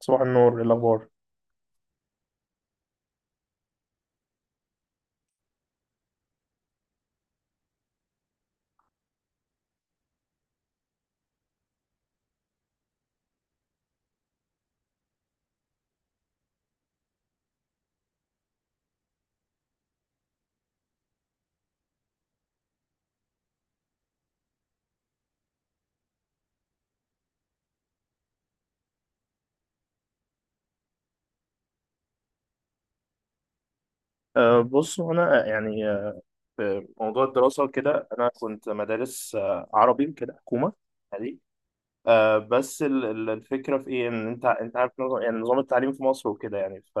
صباح النور. إيه الأخبار؟ أه، بص. أنا يعني في موضوع الدراسة كده أنا كنت مدارس عربي كده، حكومة عادي. أه بس الفكرة في إيه؟ إن أنت عارف نظام، يعني نظام التعليم في مصر وكده. يعني ف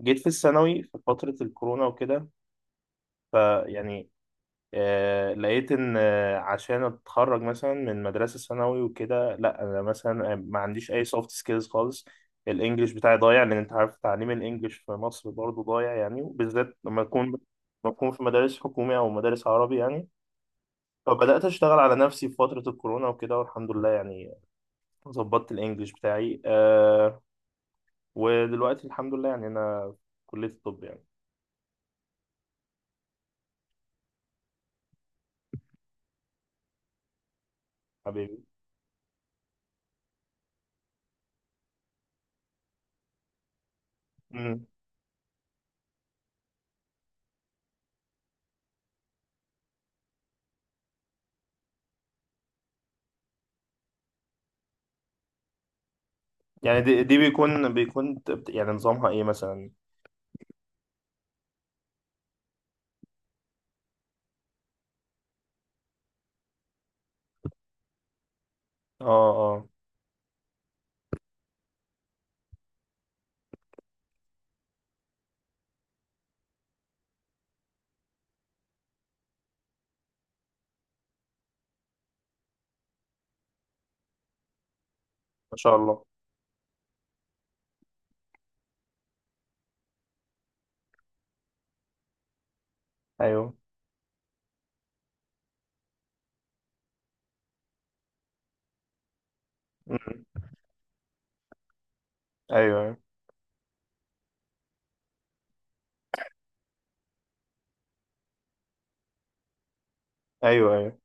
جيت في الثانوي في فترة الكورونا وكده، فيعني لقيت ان عشان اتخرج مثلا من مدرسه ثانوي وكده، لا انا مثلا ما عنديش اي سوفت سكيلز خالص. الانجليش بتاعي ضايع، لان انت عارف تعليم الانجليش في مصر برضو ضايع يعني، وبالذات لما اكون، لما اكون في مدارس حكوميه او مدارس عربي يعني. فبدات اشتغل على نفسي في فتره الكورونا وكده، والحمد لله يعني ظبطت الانجليش بتاعي. أه، ودلوقتي الحمد لله يعني انا في كليه الطب يعني. حبيبي. مم. يعني دي بيكون يعني نظامها ايه مثلا؟ اه، اه. ما شاء الله. ايوه. أمم. ايوه، ايوه. ايوه، ايوه.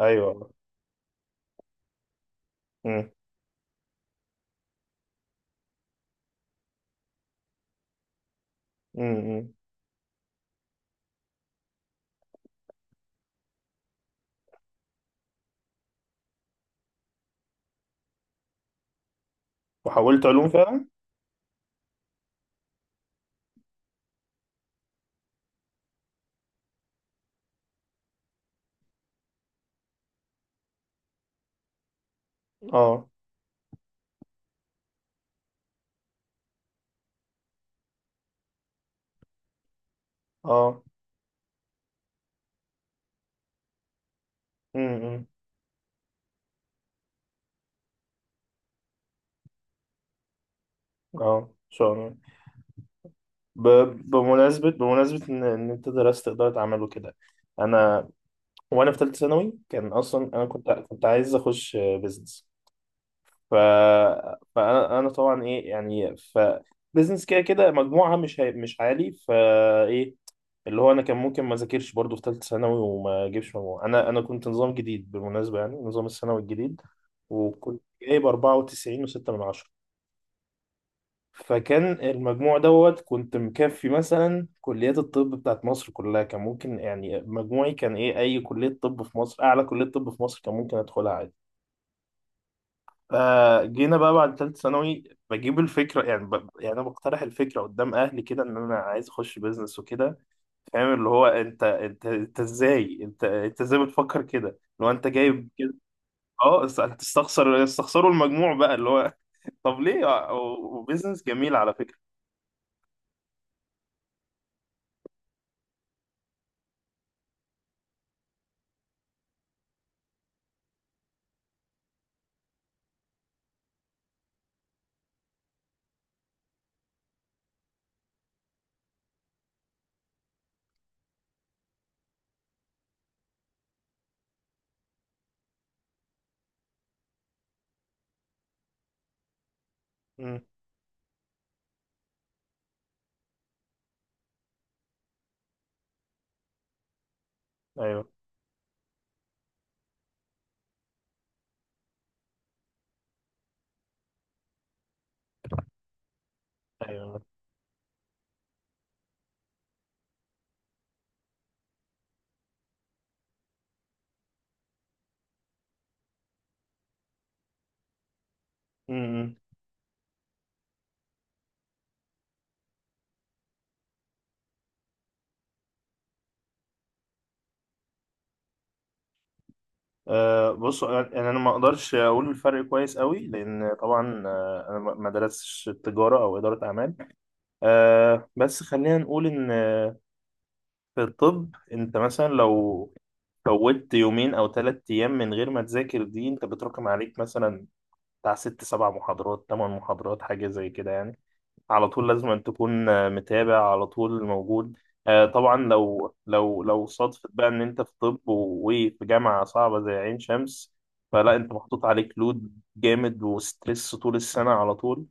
ايوه. أمم. أمم. أمم. وحولت علوم فعلا. اه، اه. أمم. اه، ان شاء الله. ب... بمناسبة، بمناسبة ان إن انت درست ادارة اعمال وكده، انا وانا في ثالثة ثانوي كان اصلا انا كنت عايز اخش بيزنس. ف... فانا انا طبعا ايه يعني، ف بيزنس كده كده مجموعها مش هي، مش عالي فايه، اللي هو انا كان ممكن ما اذاكرش برضو في ثالثه ثانوي وما اجيبش مجموع. انا كنت نظام جديد بالمناسبه، يعني نظام الثانوي الجديد، وكنت جايب 94 و6 من عشرة. فكان المجموع دوت كنت مكفي مثلا كليات الطب بتاعت مصر كلها، كان ممكن يعني مجموعي كان ايه، اي كلية طب في مصر، اعلى كلية طب في مصر كان ممكن ادخلها عادي. فجينا بقى بعد ثالثة ثانوي بجيب الفكرة، يعني يعني انا بقترح الفكرة قدام اهلي كده ان انا عايز اخش بيزنس وكده. فاهم اللي هو انت ازاي، انت ازاي بتفكر كده لو انت جايب كده؟ اه، هتستخسر، استخسروا المجموع بقى اللي هو طب ليه؟ وبيزنس جميل على فكرة. امم. ايوه. ايوه. امم. أه بص، يعني انا ما اقدرش اقول الفرق كويس قوي لان طبعا انا ما درستش تجاره او اداره اعمال. أه بس خلينا نقول ان في الطب انت مثلا لو فوتت 2 أو 3 أيام من غير ما تذاكر، دي انت بتراكم عليك مثلا بتاع 6 7 محاضرات، 8 محاضرات، حاجة زي كده يعني. على طول لازم أن تكون متابع على طول، موجود. طبعا لو لو صادفت بقى ان انت في طب وفي جامعة صعبة زي عين شمس، فلا، انت محطوط عليك لود جامد وستريس طول السنة على طول،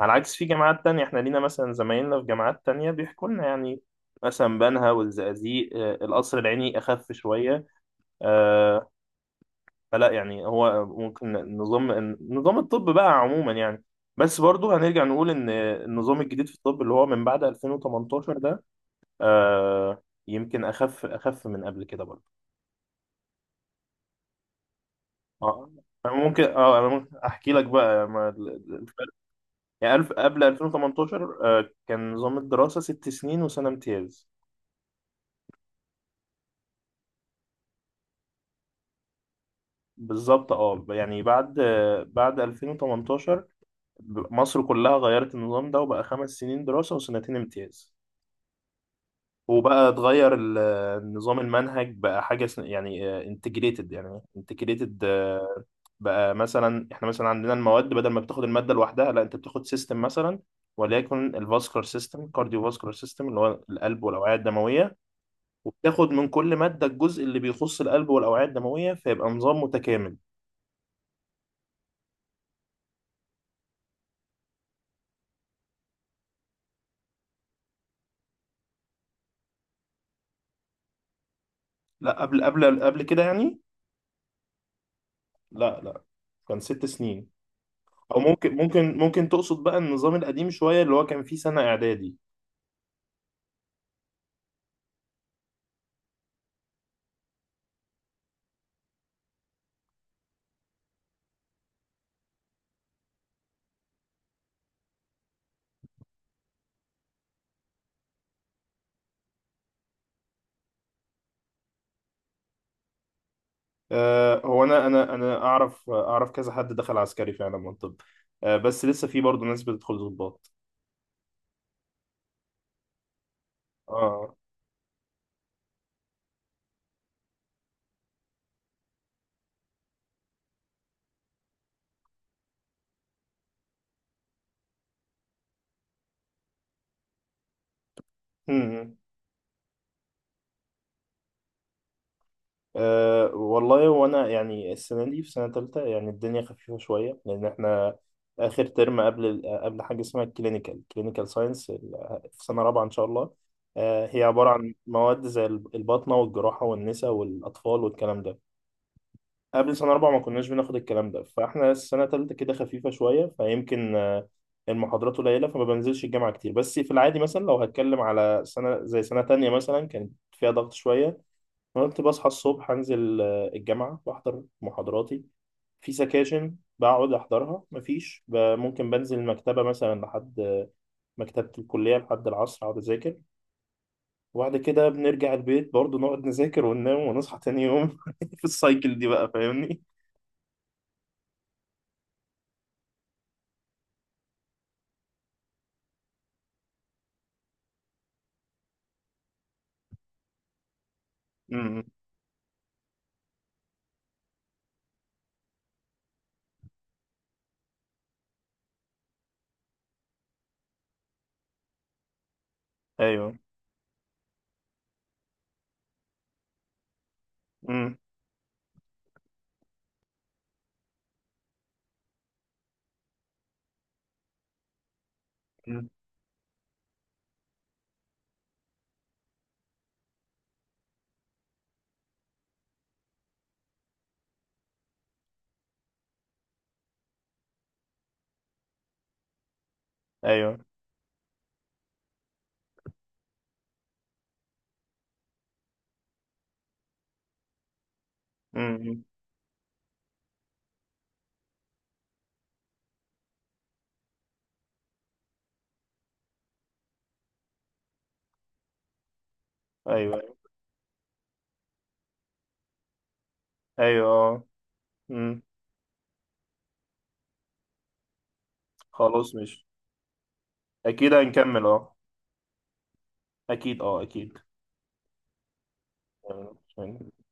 على عكس في جامعات تانية. احنا لينا مثلا زمايلنا في جامعات تانية بيحكوا لنا يعني، مثلا بنها والزقازيق القصر العيني أخف شوية. آه، فلا يعني، هو ممكن نظام، نظام الطب بقى عموما يعني. بس برضو هنرجع نقول ان النظام الجديد في الطب، اللي هو من بعد 2018 ده، آه يمكن اخف، اخف من قبل كده برضو. اه. أنا ممكن، اه انا ممكن احكي لك بقى ما الفرق. يعني قبل 2018 آه كان نظام الدراسة 6 سنين وسنة امتياز. بالظبط، اه. يعني بعد بعد 2018 مصر كلها غيرت النظام ده، وبقى 5 سنين دراسة وسنتين امتياز، وبقى اتغير ال نظام المنهج بقى حاجة يعني انتجريتد، يعني انتجريتد بقى. مثلا احنا مثلا عندنا المواد، بدل ما بتاخد المادة لوحدها، لا انت بتاخد سيستم مثلا، وليكن الفاسكولار سيستم، كارديوفاسكولار سيستم، اللي هو القلب والأوعية الدموية، وبتاخد من كل مادة الجزء اللي بيخص القلب والأوعية الدموية، فيبقى نظام متكامل. لا، قبل كده يعني. لا، لا. كان 6 سنين. او ممكن، ممكن تقصد بقى النظام القديم شوية، اللي هو كان فيه سنة إعدادي. هو انا اعرف، اعرف كذا حد دخل عسكري فعلا من الطب. بس لسه في برضه ناس بتدخل ضباط. اه. مم. والله، وانا يعني السنه دي في سنه تالتة، يعني الدنيا خفيفه شويه لان احنا اخر ترم قبل قبل حاجه اسمها الكلينيكال، كلينيكال ساينس، في سنه رابعه ان شاء الله. هي عباره عن مواد زي الباطنه والجراحه والنساء والاطفال والكلام ده. قبل سنة رابعة ما كناش بناخد الكلام ده، فاحنا السنة تالتة كده خفيفة شوية، فيمكن المحاضرات قليلة فما بنزلش الجامعة كتير. بس في العادي مثلا لو هتكلم على سنة زي سنة تانية مثلا كانت فيها ضغط شوية. أنا كنت بصحى الصبح، أنزل الجامعة وأحضر محاضراتي، في سكاشن بقعد أحضرها، مفيش ممكن بنزل المكتبة مثلا لحد مكتبة الكلية لحد العصر، أقعد أذاكر، وبعد كده بنرجع البيت برضه، نقعد نذاكر وننام ونصحى تاني يوم في السايكل دي بقى، فاهمني؟ ايوه. امم. أمم. ايوه. امم. ايوه، ايوه، اه. امم. خلاص مش اكيد هنكمل، اه. اكيد، اه. اكيد.